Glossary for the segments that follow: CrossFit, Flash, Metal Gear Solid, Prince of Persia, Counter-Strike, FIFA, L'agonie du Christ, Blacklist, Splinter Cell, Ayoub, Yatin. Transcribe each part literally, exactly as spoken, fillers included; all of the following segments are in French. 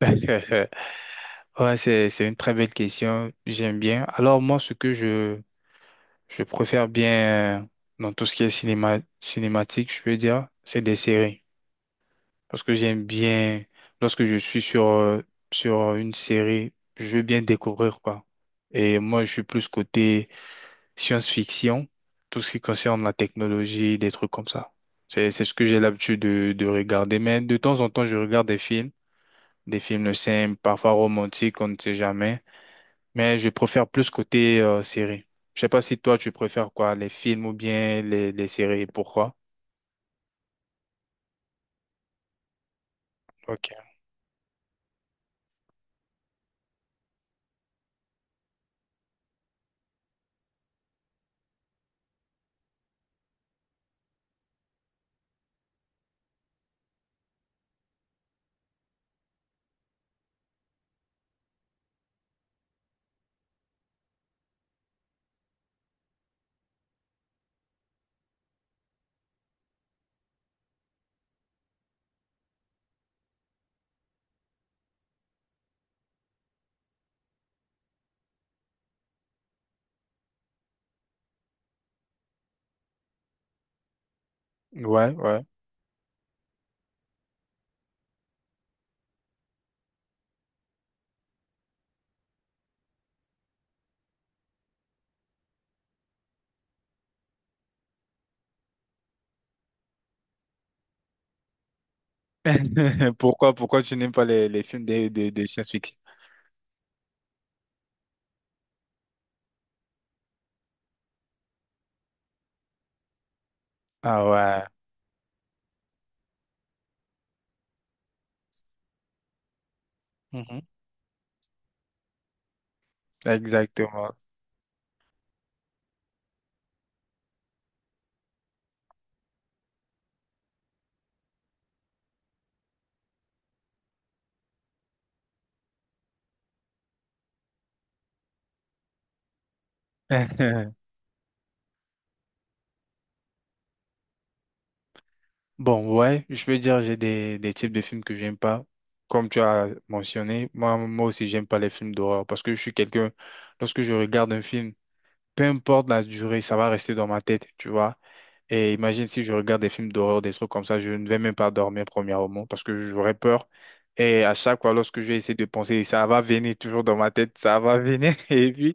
Ouais, c'est, c'est une très belle question. J'aime bien. Alors, moi, ce que je, je préfère bien euh, dans tout ce qui est cinéma, cinématique, je peux dire, c'est des séries. Parce que j'aime bien, lorsque je suis sur, euh, sur une série, je veux bien découvrir, quoi. Et moi, je suis plus côté science-fiction, tout ce qui concerne la technologie, des trucs comme ça. C'est, c'est ce que j'ai l'habitude de, de regarder. Mais de temps en temps, je regarde des films, des films simples, parfois romantiques, on ne sait jamais. Mais je préfère plus côté euh, série. Je sais pas si toi, tu préfères quoi, les films ou bien les, les séries. Pourquoi? Ok. Ouais, ouais. Pourquoi, pourquoi tu n'aimes pas les, les films de, de, de science-fiction? Ah ouais. Mhm. Exactement. Bon, ouais, je peux dire j'ai des, des types de films que j'aime pas. Comme tu as mentionné, moi, moi aussi, j'aime pas les films d'horreur parce que je suis quelqu'un, lorsque je regarde un film, peu importe la durée, ça va rester dans ma tête, tu vois. Et imagine si je regarde des films d'horreur, des trucs comme ça, je ne vais même pas dormir premièrement parce que j'aurais peur. Et à chaque fois, lorsque je vais essayer de penser, ça va venir toujours dans ma tête, ça va venir. Et puis,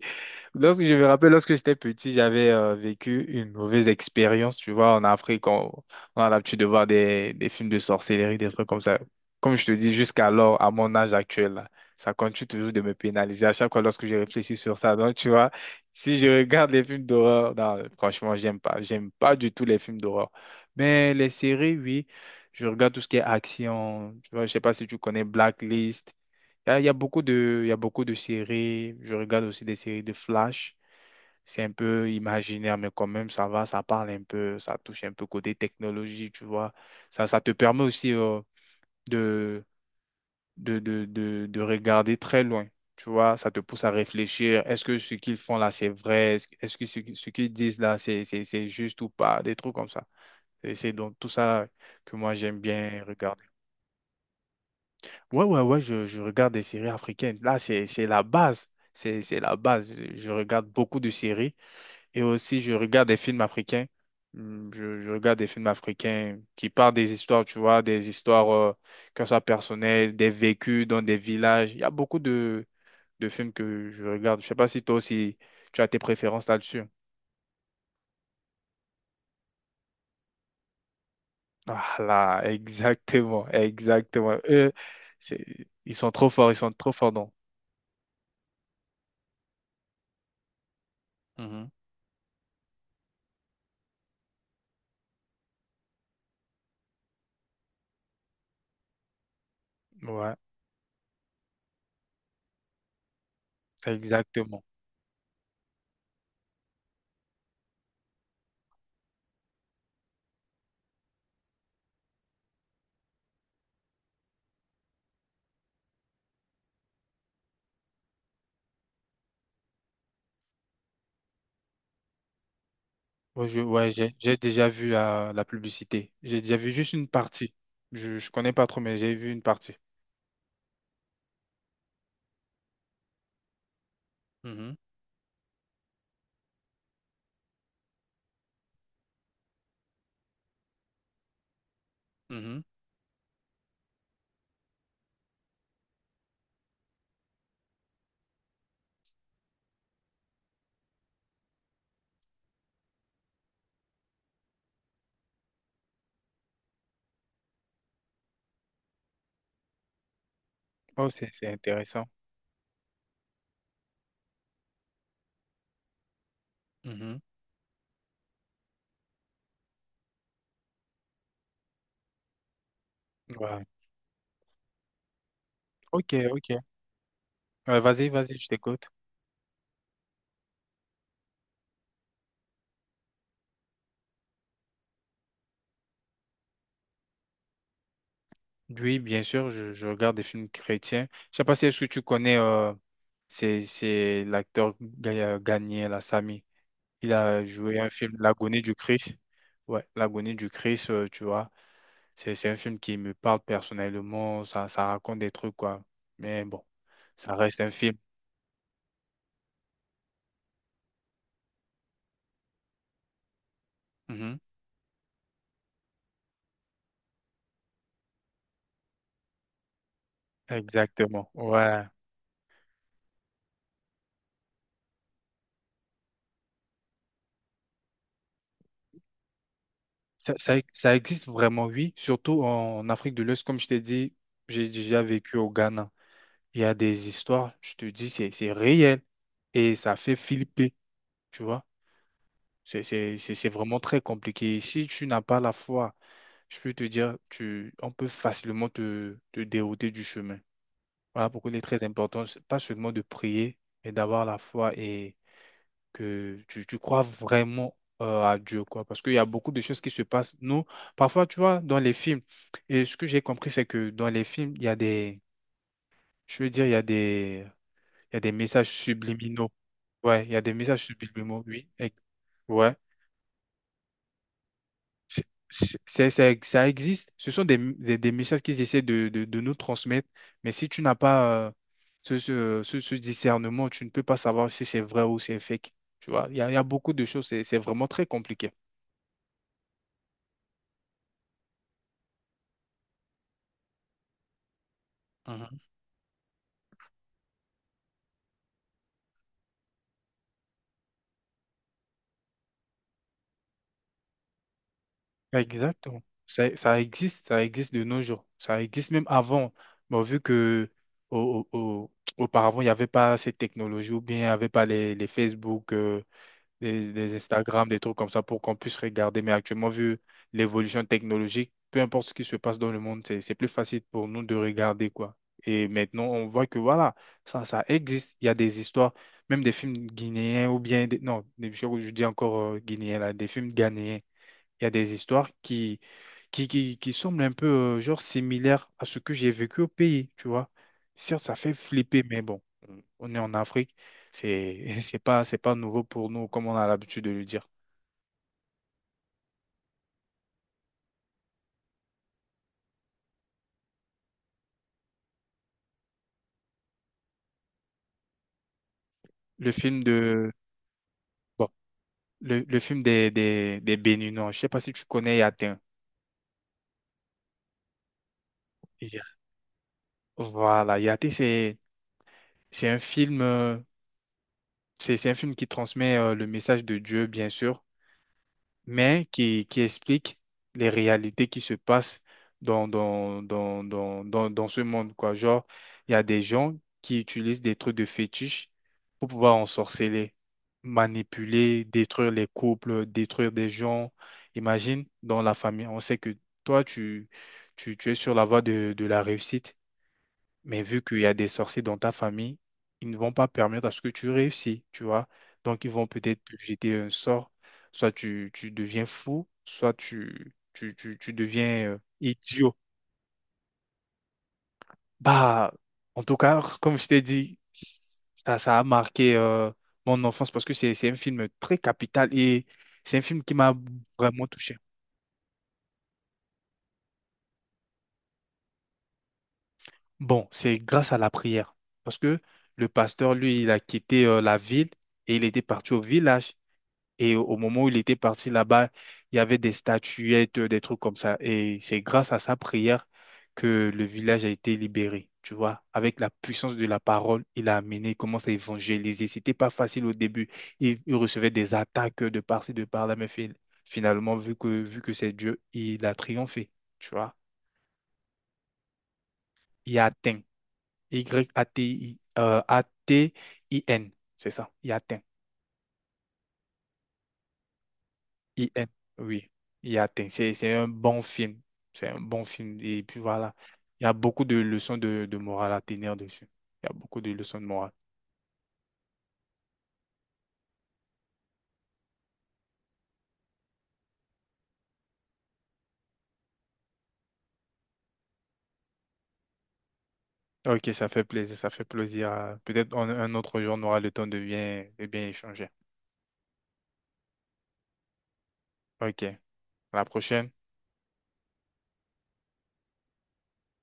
Lorsque je me rappelle, lorsque j'étais petit, j'avais euh, vécu une mauvaise expérience. Tu vois, en Afrique, on, on a l'habitude de voir des, des films de sorcellerie, des trucs comme ça. Comme je te dis, jusqu'alors, à mon âge actuel, là, ça continue toujours de me pénaliser à chaque fois lorsque je réfléchis sur ça. Donc, tu vois, si je regarde les films d'horreur, non, franchement, j'aime pas. J'aime pas du tout les films d'horreur. Mais les séries, oui, je regarde tout ce qui est action. Tu vois, je sais pas si tu connais Blacklist. Il y a, il y a beaucoup de, il y a beaucoup de séries. Je regarde aussi des séries de Flash. C'est un peu imaginaire, mais quand même, ça va, ça parle un peu, ça touche un peu côté technologie, tu vois. Ça, ça te permet aussi euh, de, de, de, de, de regarder très loin, tu vois. Ça te pousse à réfléchir. Est-ce que ce qu'ils font là, c'est vrai? Est-ce, est-ce que ce, ce qu'ils disent là, c'est, c'est, c'est juste ou pas? Des trucs comme ça. Et c'est donc tout ça que moi, j'aime bien regarder. Ouais, ouais, ouais, je, je regarde des séries africaines. Là, c'est, c'est la base. C'est, c'est la base. Je, je regarde beaucoup de séries et aussi je regarde des films africains. Hmm, Je, je regarde des films africains qui parlent des histoires, tu vois, des histoires, euh, que ce soit personnelles, des vécus dans des villages. Il y a beaucoup de, de films que je regarde. Je sais pas si toi aussi tu as tes préférences là-dessus. Ah là, exactement, exactement. Eux, c'est- ils sont trop forts, ils sont trop forts, non? Mhm. Ouais, exactement. Ouais, je- ouais, j'ai j'ai déjà vu la, la publicité. J'ai déjà vu juste une partie. Je, je connais pas trop, mais j'ai vu une partie. Mhm, mhm, Oh, c'est c'est intéressant. Mhm. Ouais. Ok, ok. Ouais, vas-y, vas-y, je t'écoute. Oui, bien sûr, je, je regarde des films chrétiens. Je sais pas si est-ce que tu connais, euh, c'est c'est l'acteur Ga- Gagné, la Sami. Il a joué un film, L'agonie du Christ. Ouais, L'agonie du Christ, euh, tu vois. C'est, c'est un film qui me parle personnellement, ça, ça raconte des trucs, quoi. Mais bon, ça reste un film. Mhm. Exactement, ouais. Ça, ça, ça existe vraiment, oui, surtout en Afrique de l'Ouest, comme je t'ai dit, j'ai déjà vécu au Ghana. Il y a des histoires, je te dis, c'est, c'est réel et ça fait flipper, tu vois. C'est, c'est, c'est c'est vraiment très compliqué. Si tu n'as pas la foi, je peux te dire, tu, on peut facilement te, te dérouter du chemin. Voilà pourquoi il est très important, c'est pas seulement de prier, mais d'avoir la foi et que tu, tu crois vraiment euh, à Dieu, quoi. Parce qu'il y a beaucoup de choses qui se passent. Nous, parfois, tu vois, dans les films, et ce que j'ai compris, c'est que dans les films, il y a des, je veux dire, il y a des, il y a des messages subliminaux. Ouais, il y a des messages subliminaux, oui. ex- Ouais. c'est- c'est- c'est- ça ça existe. Ce sont des, des, des messages qu'ils essaient de, de, de nous transmettre. Mais si tu n'as pas euh, ce, ce, ce, ce discernement, tu ne peux pas savoir si c'est vrai ou c'est fake. Tu vois, il y a, il y a beaucoup de choses. C'est c'est vraiment très compliqué. Mhm. Exactement. Ça, ça existe, ça existe de nos jours. Ça existe même avant. Bon, vu que au, au- au- auparavant, il n'y avait pas ces technologies ou bien il n'y avait pas les, les Facebook. euh, des, des Instagram, des trucs comme ça pour qu'on puisse regarder. Mais actuellement, vu l'évolution technologique, peu importe ce qui se passe dans le monde, c'est, c'est plus facile pour nous de regarder, quoi. Et maintenant, on voit que voilà, ça, ça existe. Il y a des histoires, même des films guinéens ou bien, des- non, des- je, je dis encore euh, guinéens, là, des films ghanéens. Il y a des histoires qui, qui, qui, qui semblent un peu euh, genre similaires à ce que j'ai vécu au pays, tu vois. Certes, ça fait flipper, mais bon, on est en Afrique, c'est c'est pas c'est pas nouveau pour nous comme on a l'habitude de le dire. Le film de bon, le, le film des des des Béninois, je sais pas si tu connais Yatin. Ya- Voilà, Yatin c'est c'est un film euh, c'est c'est un film qui transmet euh, le message de Dieu bien sûr mais qui, qui explique les réalités qui se passent dans, dans, dans, dans, dans, dans ce monde, quoi. Genre, il y a des gens qui utilisent des trucs de fétiche pour pouvoir ensorceler, manipuler, détruire les couples, détruire des gens. Imagine, dans la famille, on sait que toi, tu, tu, tu es sur la voie de, de la réussite. Mais vu qu'il y a des sorciers dans ta famille, ils ne vont pas permettre à ce que tu réussisses, tu vois. Donc, ils vont peut-être te jeter un sort. Soit tu, tu deviens fou, soit tu, tu, tu, tu deviens euh, idiot. Bah, en tout cas, comme je t'ai dit, ça, ça a marqué euh, mon enfance parce que c'est, c'est un film très capital et c'est un film qui m'a vraiment touché. Bon, c'est grâce à la prière parce que le pasteur, lui, il a quitté euh, la ville et il était parti au village. Et au au moment où il était parti là-bas, il y avait des statuettes, euh, des trucs comme ça. Et c'est grâce à sa prière que le village a été libéré. Tu vois, avec la puissance de la parole, il a amené, il commence à évangéliser. C'était pas facile au début. Il, il recevait des attaques de par-ci, de par-là, mais fi- finalement, vu que, vu que c'est Dieu, il a triomphé. Tu vois, il a atteint. Y-A-T-I, euh, A-T-I-N, c'est ça, il a atteint. I N, oui. il atteint c'est c'est un bon film. C'est un bon film. Et puis voilà, il y a beaucoup de leçons de, de morale à tenir dessus. Il y a beaucoup de leçons de morale. Ok, ça fait plaisir, ça fait plaisir. Peut-être un un autre jour, on aura le temps de bien, de bien échanger. Ok, à la prochaine.